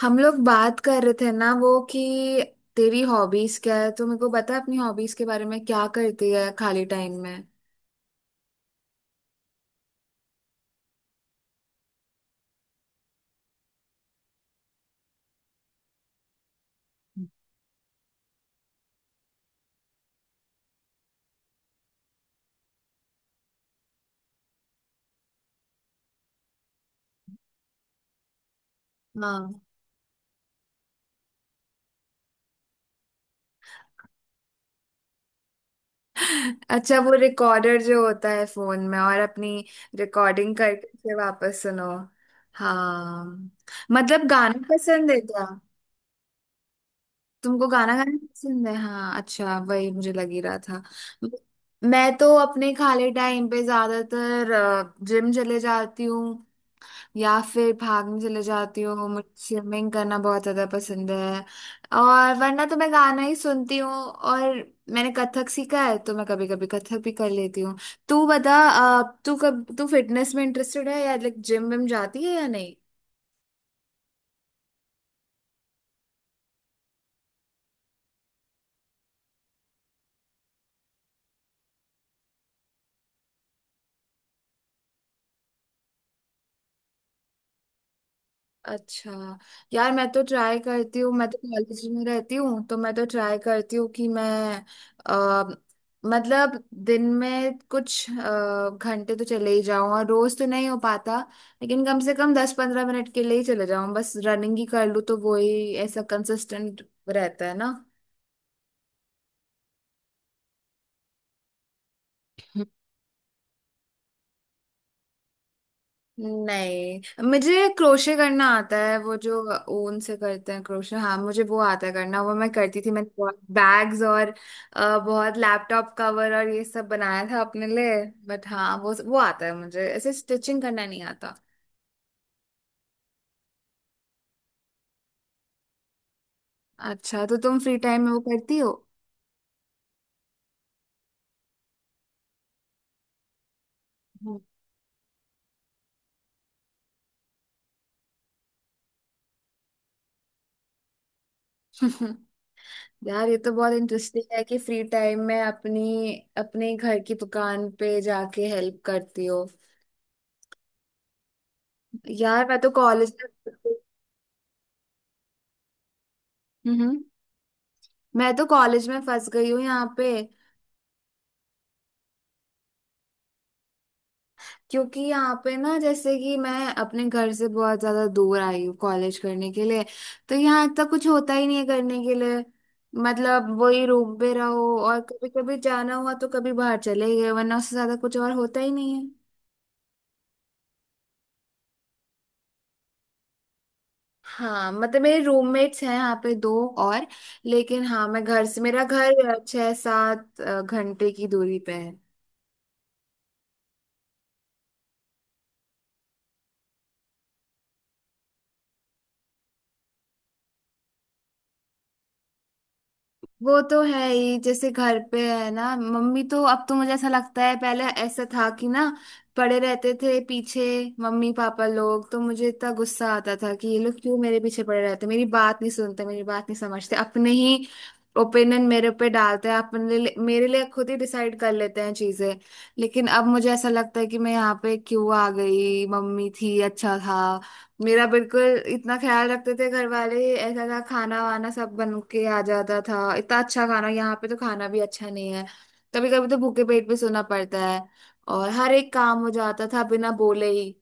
हम लोग बात कर रहे थे ना, वो कि तेरी हॉबीज क्या है। तो मेरे को बता अपनी हॉबीज के बारे में, क्या करती है खाली टाइम में। हाँ, अच्छा वो रिकॉर्डर जो होता है फोन में, और अपनी रिकॉर्डिंग करके फिर वापस सुनो। हाँ, मतलब गाना पसंद है क्या? तुमको गाना गाना पसंद है। हाँ, अच्छा वही मुझे लग ही रहा था। मैं तो अपने खाली टाइम पे ज्यादातर जिम चले जाती हूँ, या फिर भागने चले जाती हूँ। मुझे स्विमिंग करना बहुत ज्यादा पसंद है। और वरना तो मैं गाना ही सुनती हूँ, और मैंने कथक सीखा है तो मैं कभी कभी कथक भी कर लेती हूँ। तू बता तू कब तू फिटनेस में इंटरेस्टेड है, या लाइक जिम विम जाती है या नहीं? अच्छा, यार मैं तो ट्राई करती हूँ, मैं तो कॉलेज में रहती हूँ तो मैं तो ट्राई करती हूँ कि मैं आ, मतलब दिन में कुछ घंटे तो चले ही जाऊँ। और रोज तो नहीं हो पाता, लेकिन कम से कम 10 15 मिनट के लिए ही चले जाऊँ, बस रनिंग ही कर लूँ, तो वो ही ऐसा कंसिस्टेंट रहता है ना। नहीं, मुझे क्रोशे करना आता है, वो जो ऊन से करते हैं क्रोशे। हाँ, मुझे वो आता है करना। वो मैं करती थी, मैंने बहुत बैग्स और बहुत लैपटॉप कवर और ये सब बनाया था अपने लिए। बट हाँ, वो आता है मुझे, ऐसे स्टिचिंग करना नहीं आता। अच्छा तो तुम फ्री टाइम में वो करती हो। हम्म। यार ये तो बहुत इंटरेस्टिंग है कि फ्री टाइम में अपनी अपने घर की दुकान पे जाके हेल्प करती हो। यार मैं तो कॉलेज में। हम्म। मैं तो कॉलेज में फंस गई हूँ यहाँ पे। क्योंकि यहाँ पे ना जैसे कि मैं अपने घर से बहुत ज्यादा दूर आई हूँ कॉलेज करने के लिए, तो यहाँ तक कुछ होता ही नहीं है करने के लिए। मतलब वही रूम पे रहो, और कभी कभी जाना हुआ तो कभी बाहर चले गए, वरना उससे ज्यादा कुछ और होता ही नहीं है। हाँ, मतलब मेरे रूममेट्स हैं यहाँ पे दो, और लेकिन हाँ मैं घर से, मेरा घर छह सात घंटे की दूरी पे है। वो तो है ही, जैसे घर पे है ना मम्मी। तो अब तो मुझे ऐसा लगता है, पहले ऐसा था कि ना, पड़े रहते थे पीछे मम्मी पापा लोग, तो मुझे इतना गुस्सा आता था कि ये लोग क्यों मेरे पीछे पड़े रहते, मेरी बात नहीं सुनते, मेरी बात नहीं समझते, अपने ही ओपिनियन मेरे पे डालते हैं, मेरे लिए खुद ही डिसाइड कर लेते हैं चीजें। लेकिन अब मुझे ऐसा लगता है कि मैं यहाँ पे क्यों आ गई, मम्मी थी अच्छा था। मेरा बिल्कुल इतना ख्याल रखते थे घर वाले, ऐसा था खाना वाना सब बन के आ जाता था, इतना अच्छा खाना। यहाँ पे तो खाना भी अच्छा नहीं है, कभी कभी तो भूखे पेट पे सोना पड़ता है। और हर एक काम हो जाता था बिना बोले ही,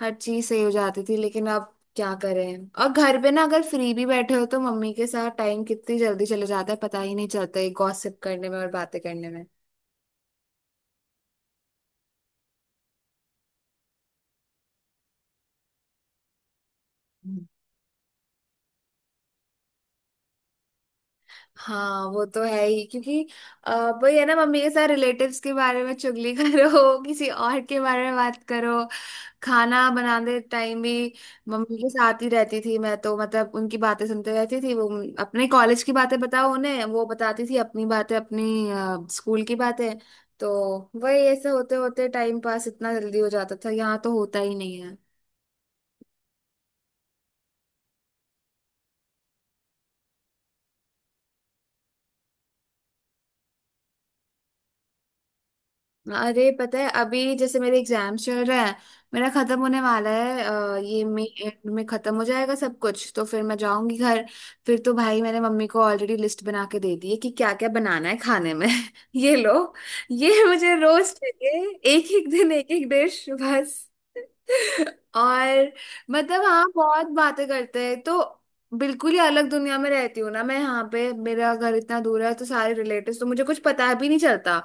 हर चीज सही हो जाती थी। लेकिन अब क्या करें। और घर पे ना, अगर फ्री भी बैठे हो तो मम्मी के साथ टाइम कितनी जल्दी चले जाता है, पता ही नहीं चलता है, गॉसिप करने में और बातें करने में। हाँ, वो तो है ही। क्योंकि वही है ना, मम्मी के साथ रिलेटिव्स के बारे में चुगली करो, किसी और के बारे में बात करो। खाना बनाते टाइम भी मम्मी के साथ ही रहती थी मैं तो। मतलब उनकी बातें सुनते रहती थी, वो अपने कॉलेज की बातें बताओ उन्हें, वो बताती थी अपनी बातें, अपनी स्कूल की बातें। तो वही ऐसे होते होते टाइम पास इतना जल्दी हो जाता था, यहाँ तो होता ही नहीं है। अरे पता है, अभी जैसे मेरे एग्जाम्स चल रहे हैं, मेरा खत्म होने वाला है ये मई एंड में खत्म हो जाएगा सब कुछ, तो फिर मैं जाऊंगी घर। फिर तो भाई मैंने मम्मी को ऑलरेडी लिस्ट बना के दे दी है कि क्या क्या बनाना है खाने में। ये लो, ये मुझे रोज चाहिए, एक एक दिन एक एक डिश बस। और मतलब हाँ, बहुत बातें करते हैं तो। बिल्कुल ही अलग दुनिया में रहती हूँ ना मैं यहाँ पे, मेरा घर इतना दूर है, तो सारे रिलेटिव्स तो मुझे कुछ पता भी नहीं चलता।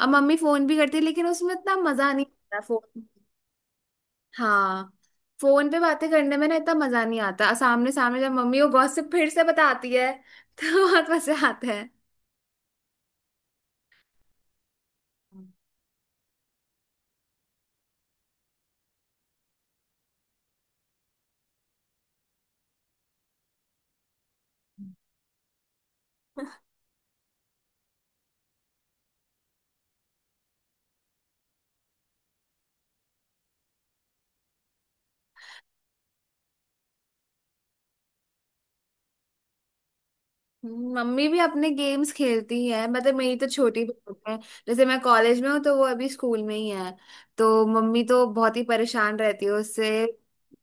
अब मम्मी फोन भी करती है लेकिन उसमें इतना मजा नहीं आता, फोन। हाँ, फोन पे बातें करने में ना इतना मजा नहीं आता। सामने सामने जब मम्मी वो गॉसिप फिर से बताती है तो बहुत मजा आता है। मम्मी भी अपने गेम्स खेलती है। मतलब मेरी तो छोटी बहन है, जैसे मैं कॉलेज में हूँ तो वो अभी स्कूल में ही है, तो मम्मी तो बहुत ही परेशान रहती है उससे।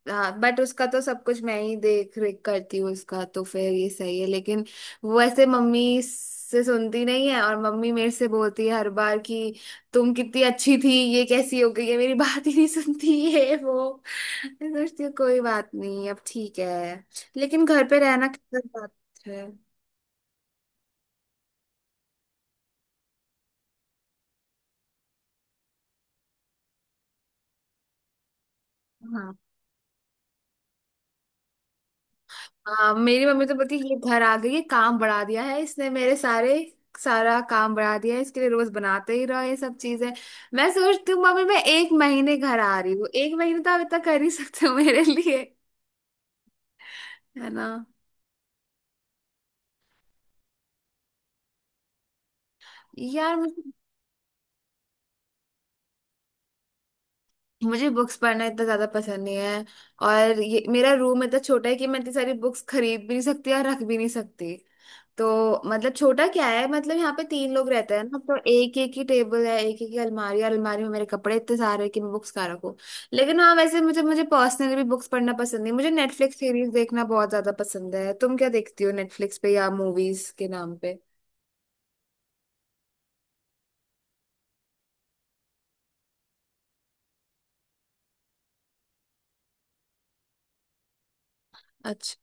हाँ, बट उसका तो सब कुछ मैं ही देख रेख करती हूँ, उसका तो फिर ये सही है। लेकिन वो ऐसे मम्मी से सुनती नहीं है, और मम्मी मेरे से बोलती है हर बार कि तुम कितनी अच्छी थी, ये कैसी हो गई है, मेरी बात ही नहीं सुनती ये वो। मैं सोचती हूँ कोई बात नहीं, अब ठीक है। लेकिन घर पे रहना कितना बात है। हाँ। हाँ, मेरी मम्मी तो बोलती है ये घर आ गई है, काम बढ़ा दिया है इसने मेरे सारे, सारा काम बढ़ा दिया है, इसके लिए रोज बनाते ही रहो ये सब चीजें। मैं सोचती हूँ मम्मी, मैं एक महीने घर आ रही हूँ, एक महीने तो आप इतना कर ही सकते हो मेरे लिए, है ना। यार मुझे मुझे बुक्स पढ़ना इतना ज्यादा पसंद नहीं है। और ये मेरा रूम इतना छोटा है कि मैं इतनी सारी बुक्स खरीद भी नहीं सकती और रख भी नहीं सकती तो। मतलब छोटा क्या है, मतलब यहाँ पे तीन लोग रहते हैं ना, तो एक एक ही टेबल है, एक एक ही अलमारी है, और अलमारी में मेरे कपड़े इतने सारे हैं कि मैं बुक्स कहाँ रखूँ। लेकिन हाँ वैसे मुझे मुझे पर्सनली भी बुक्स पढ़ना पसंद नहीं, मुझे नेटफ्लिक्स सीरीज देखना बहुत ज्यादा पसंद है। तुम क्या देखती हो नेटफ्लिक्स पे या मूवीज के नाम पे? अच्छा।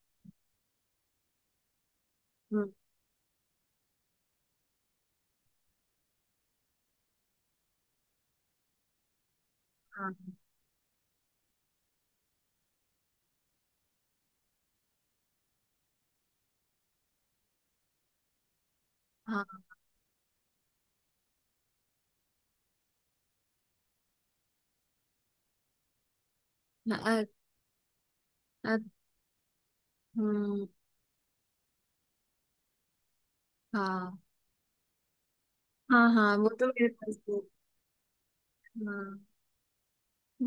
हम्म। हाँ। हाँ। हाँ। अ- हम्म। हाँ। हाँ। हाँ, वो तो मेरे पास भी है। हाँ,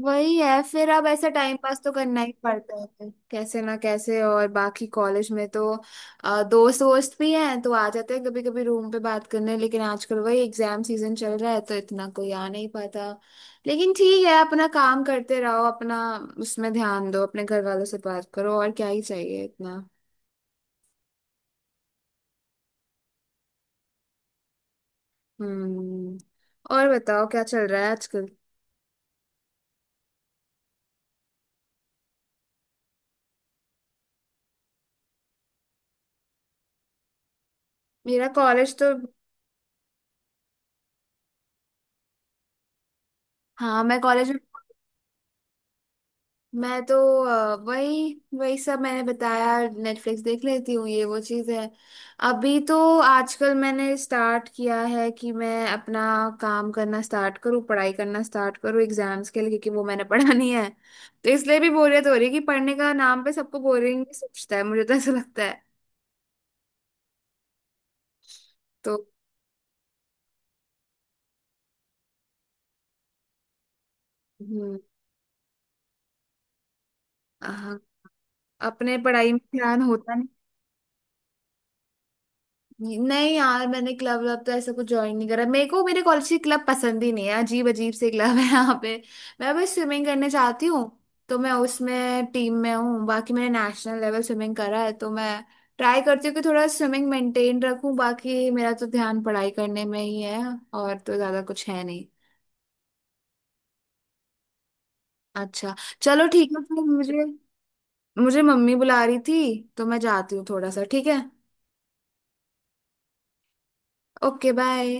वही है। फिर अब ऐसा टाइम पास तो करना ही पड़ता है, फिर कैसे ना कैसे। और बाकी कॉलेज में तो दोस्त वोस्त भी हैं, तो आ जाते हैं कभी कभी रूम पे बात करने, लेकिन आजकल वही एग्जाम सीजन चल रहा है तो इतना कोई आ नहीं पाता। लेकिन ठीक है, अपना काम करते रहो, अपना उसमें ध्यान दो, अपने घर वालों से बात करो, और क्या ही चाहिए इतना। हम्म। और बताओ क्या चल रहा है आजकल। मेरा कॉलेज तो, हाँ मैं कॉलेज में, मैं तो वही वही सब मैंने बताया, नेटफ्लिक्स देख लेती हूँ ये वो चीज़ है। अभी तो, आजकल मैंने स्टार्ट किया है कि मैं अपना काम करना स्टार्ट करूँ, पढ़ाई करना स्टार्ट करूँ एग्जाम्स के लिए, क्योंकि वो मैंने पढ़ानी है, तो इसलिए भी बोरियत हो रही है कि पढ़ने का नाम पे सबको बोरिंग सोचता है मुझे तो ऐसा लगता है। तो हम्म, हाँ अपने पढ़ाई में ध्यान होता। नहीं यार, मैंने क्लब व्लब तो ऐसा कुछ ज्वाइन नहीं करा, मेरे को मेरे कॉलेज की क्लब पसंद ही नहीं है, अजीब अजीब से क्लब है यहाँ पे। मैं बस स्विमिंग करने चाहती हूँ, तो मैं उसमें टीम में हूँ। बाकी मैंने नेशनल लेवल स्विमिंग करा है, तो मैं ट्राई करती हूँ कि थोड़ा स्विमिंग मेंटेन रखूँ। बाकी मेरा तो ध्यान पढ़ाई करने में ही है, और तो ज्यादा कुछ है नहीं। अच्छा, चलो ठीक है। फिर मुझे मुझे मम्मी बुला रही थी, तो मैं जाती हूँ थोड़ा सा। ठीक है, ओके बाय।